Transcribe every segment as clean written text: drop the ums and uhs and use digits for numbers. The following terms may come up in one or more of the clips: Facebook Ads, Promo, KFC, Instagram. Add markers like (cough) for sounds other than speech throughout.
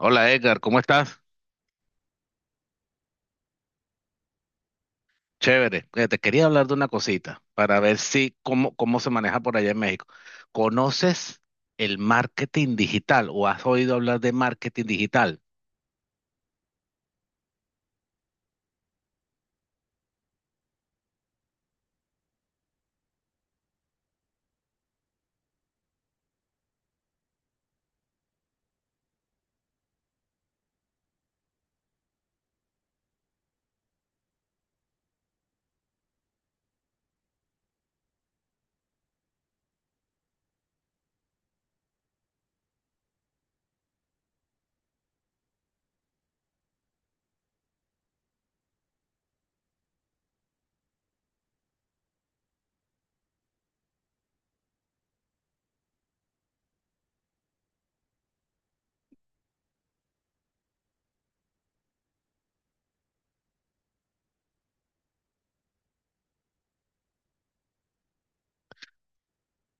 Hola Edgar, ¿cómo estás? Chévere. Te quería hablar de una cosita para ver si cómo se maneja por allá en México. ¿Conoces el marketing digital o has oído hablar de marketing digital?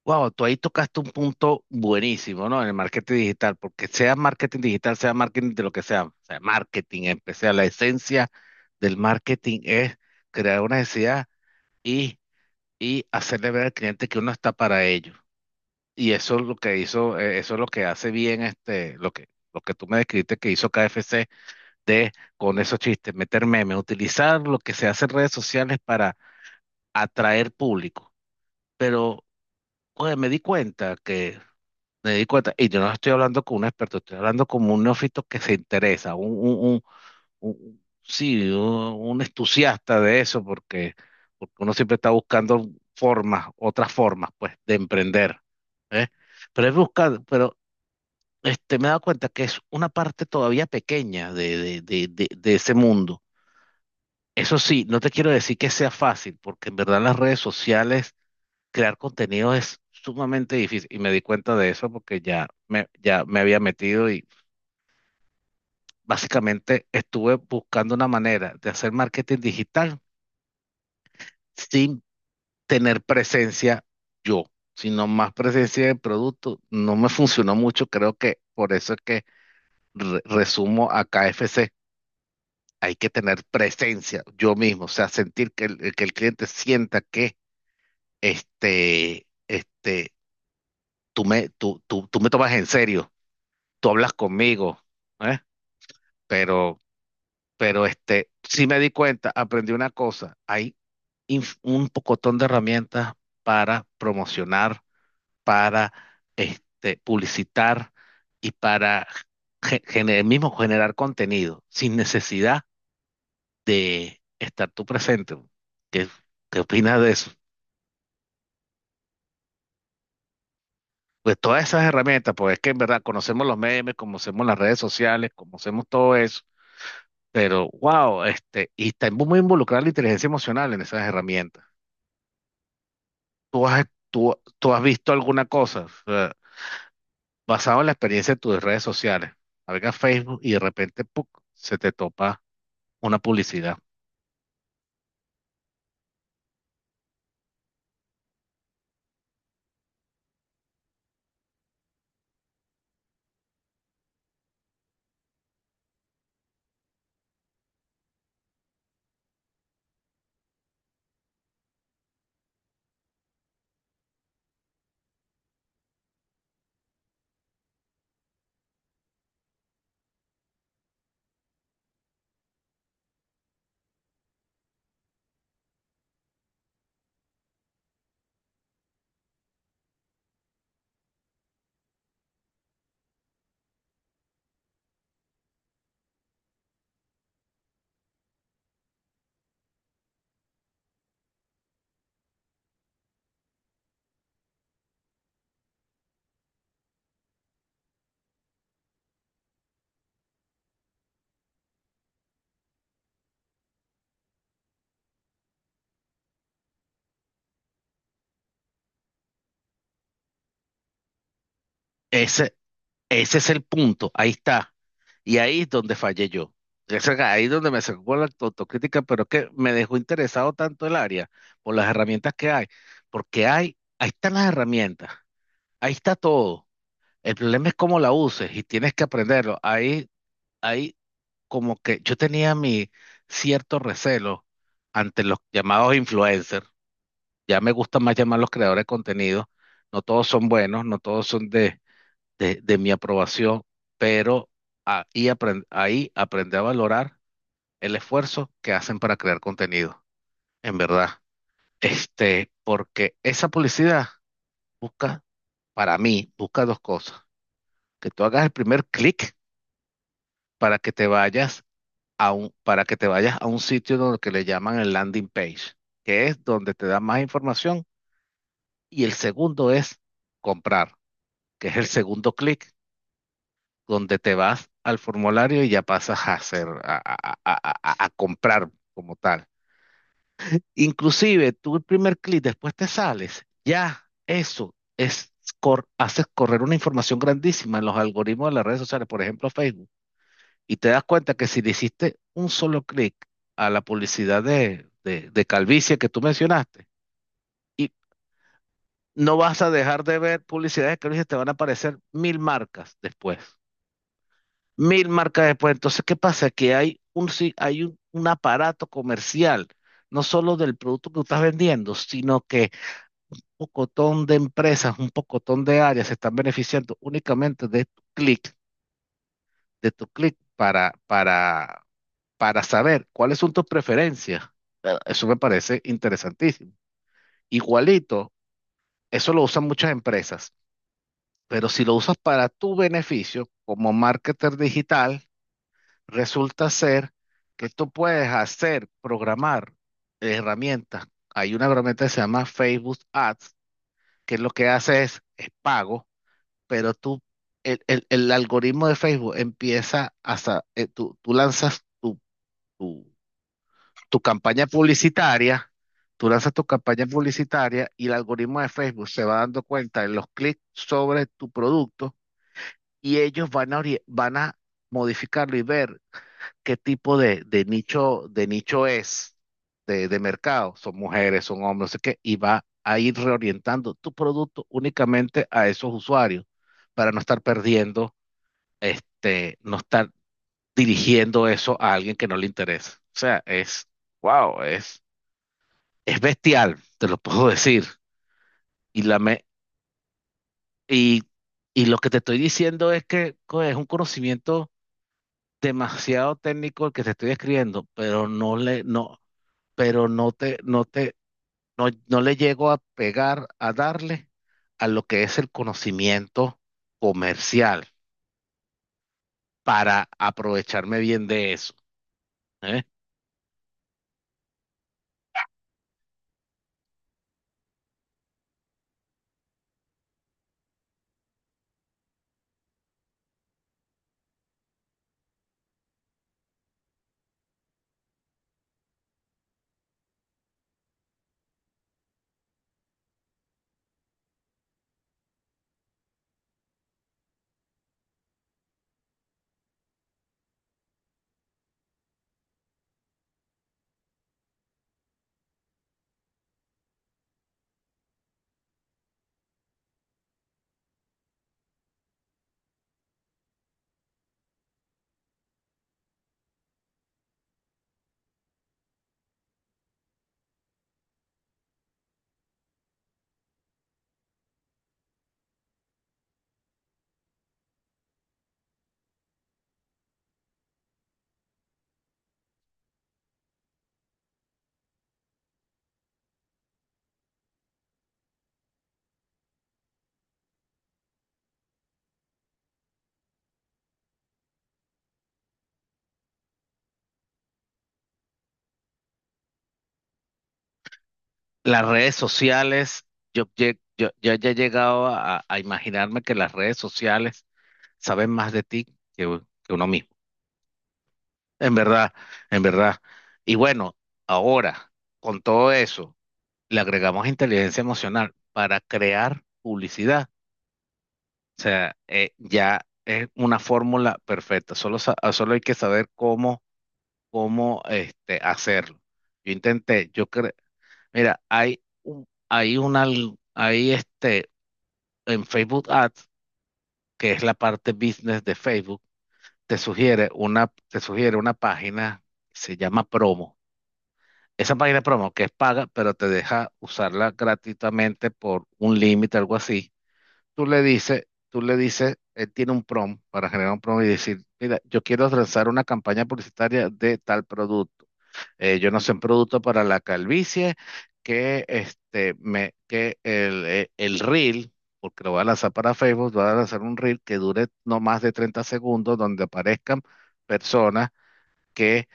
Wow, tú ahí tocaste un punto buenísimo, ¿no? En el marketing digital, porque sea marketing digital, sea marketing de lo que sea, o sea marketing, empecé la esencia del marketing es crear una necesidad y, y hacerle ver al cliente que uno está para ello. Y eso es lo que hizo, eso es lo que hace bien lo lo que tú me describiste que hizo KFC de, con esos chistes, meter memes, utilizar lo que se hace en redes sociales para atraer público. Pero, pues, me di cuenta me di cuenta, y yo no estoy hablando con un experto, estoy hablando como un neófito que se interesa, sí, un entusiasta de eso, porque uno siempre está buscando formas, otras formas, pues, de emprender. Pero es buscar, pero me he dado cuenta que es una parte todavía pequeña de ese mundo. Eso sí, no te quiero decir que sea fácil, porque en verdad en las redes sociales crear contenido es sumamente difícil. Y me di cuenta de eso porque ya me había metido y básicamente estuve buscando una manera de hacer marketing digital sin tener presencia yo, sino más presencia de producto. No me funcionó mucho, creo que por eso es que resumo a KFC, hay que tener presencia yo mismo, o sea, sentir que que el cliente sienta que este, este, tú tú me tomas en serio, tú hablas conmigo, ¿eh? Pero, pero sí me di cuenta, aprendí una cosa, hay un pocotón de herramientas para promocionar, para publicitar y para ge- gener- mismo generar contenido sin necesidad de estar tú presente. ¿Qué, ¿qué opinas de eso? Pues todas esas herramientas, pues es que en verdad conocemos los memes, conocemos las redes sociales, conocemos todo eso, pero wow, y está muy involucrada la inteligencia emocional en esas herramientas. ¿Tú has, ¿Tú has visto alguna cosa, o sea, ¿basado en la experiencia de tus redes sociales? Navegas Facebook y de repente ¡puc!, se te topa una publicidad. Ese, Ese es el punto, ahí está. Y ahí es donde fallé yo. Es ahí es donde me sacó la autocrítica, pero es que me dejó interesado tanto el área por las herramientas que hay, porque ahí están las herramientas, ahí está todo. El problema es cómo la uses y tienes que aprenderlo. Ahí como que yo tenía mi cierto recelo ante los llamados influencers. Ya me gusta más llamar los creadores de contenido. No todos son buenos, no todos son de mi aprobación, pero ahí aprendí a valorar el esfuerzo que hacen para crear contenido, en verdad. Porque esa publicidad busca, para mí, busca dos cosas. Que tú hagas el primer clic para que te vayas a para que te vayas a un sitio donde que le llaman el landing page, que es donde te da más información. Y el segundo es comprar, que es el segundo clic donde te vas al formulario y ya pasas a hacer, a comprar como tal. Inclusive, tú el primer clic, después te sales, ya eso es, haces correr una información grandísima en los algoritmos de las redes sociales, por ejemplo Facebook, y te das cuenta que si le hiciste un solo clic a la publicidad de calvicie que tú mencionaste, y no vas a dejar de ver publicidades de calvicie, te van a aparecer mil marcas después. Mil marcas después. Entonces, ¿qué pasa? Que hay un, si- hay un aparato comercial, no solo del producto que tú estás vendiendo, sino que un pocotón de empresas, un pocotón de áreas se están beneficiando únicamente de tu clic para saber cuáles son tus preferencias. Eso me parece interesantísimo. Igualito, eso lo usan muchas empresas, pero si lo usas para tu beneficio como marketer digital, resulta ser que tú puedes hacer, programar herramientas. Hay una herramienta que se llama Facebook Ads, que lo que hace es pago, pero tú, el algoritmo de Facebook empieza tú lanzas tu, tu campaña publicitaria, tú lanzas tu campaña publicitaria y el algoritmo de Facebook se va dando cuenta de los clics sobre tu producto y ellos van a van a modificarlo y ver qué tipo de nicho es de mercado. Son mujeres, son hombres, no sé qué, y va a ir reorientando tu producto únicamente a esos usuarios para no estar perdiendo, no estar dirigiendo eso a alguien que no le interesa. O sea, wow, es bestial, te lo puedo (laughs) decir. Y la me, y, y lo que te estoy diciendo es que es un conocimiento demasiado técnico el que te estoy escribiendo, pero no le, no, pero no te, no te, no, no le llego a pegar, a darle a lo que es el conocimiento comercial para aprovecharme bien de eso. ¿Eh? Las redes sociales, yo ya he llegado a imaginarme que las redes sociales saben más de ti que uno mismo. En verdad, en verdad. Y bueno, ahora, con todo eso le agregamos inteligencia emocional para crear publicidad. O sea, ya es una fórmula perfecta. Solo hay que saber cómo hacerlo. Yo intenté, yo creo, mira, hay, un- hay una, al- hay este, en Facebook Ads, que es la parte business de Facebook, te sugiere te sugiere una página, se llama Promo. Esa página promo que es paga, pero te deja usarla gratuitamente por un límite, algo así. Tú le dices, él tiene un prom para generar un prom y decir, mira, yo quiero lanzar una campaña publicitaria de tal producto. Yo no sé, un producto para la calvicie que este me que el reel, porque lo voy a lanzar para Facebook, voy a lanzar un reel que dure no más de 30 segundos donde aparezcan personas que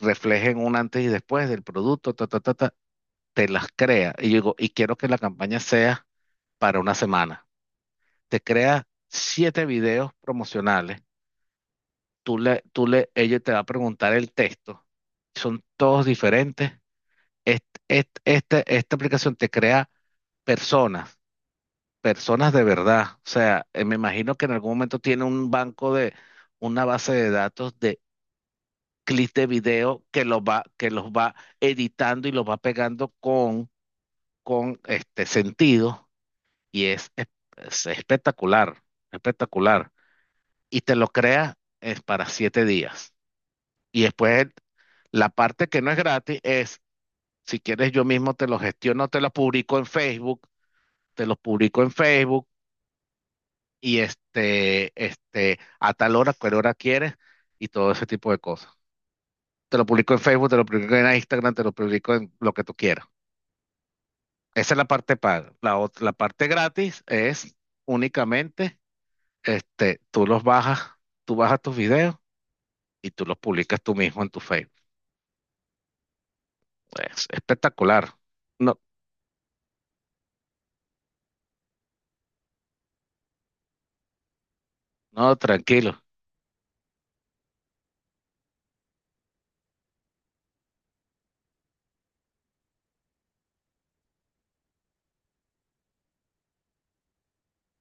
reflejen un antes y después del producto, ta, ta, ta, ta, te las crea. Y yo digo, y quiero que la campaña sea para una semana, te crea 7 videos promocionales. Ella te va a preguntar el texto. Son todos diferentes. Esta aplicación te crea personas, personas de verdad. O sea, me imagino que en algún momento tiene un banco de una base de datos de clips de video que los va editando y los va pegando con este sentido. Y es espectacular, espectacular. Y te lo crea es para 7 días. Y después, la parte que no es gratis es, si quieres yo mismo te lo gestiono, te lo publico en Facebook, te lo publico en Facebook y a tal hora, cual hora quieres y todo ese tipo de cosas. Te lo publico en Facebook, te lo publico en Instagram, te lo publico en lo que tú quieras. Esa es la parte paga. La parte gratis es únicamente, tú los bajas, tú bajas tus videos y tú los publicas tú mismo en tu Facebook. Es espectacular. No, no, tranquilo.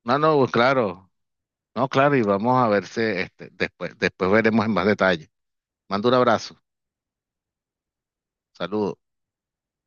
No, no, pues claro. No, claro, y vamos a verse después, después veremos en más detalle. Mando un abrazo. Saludos.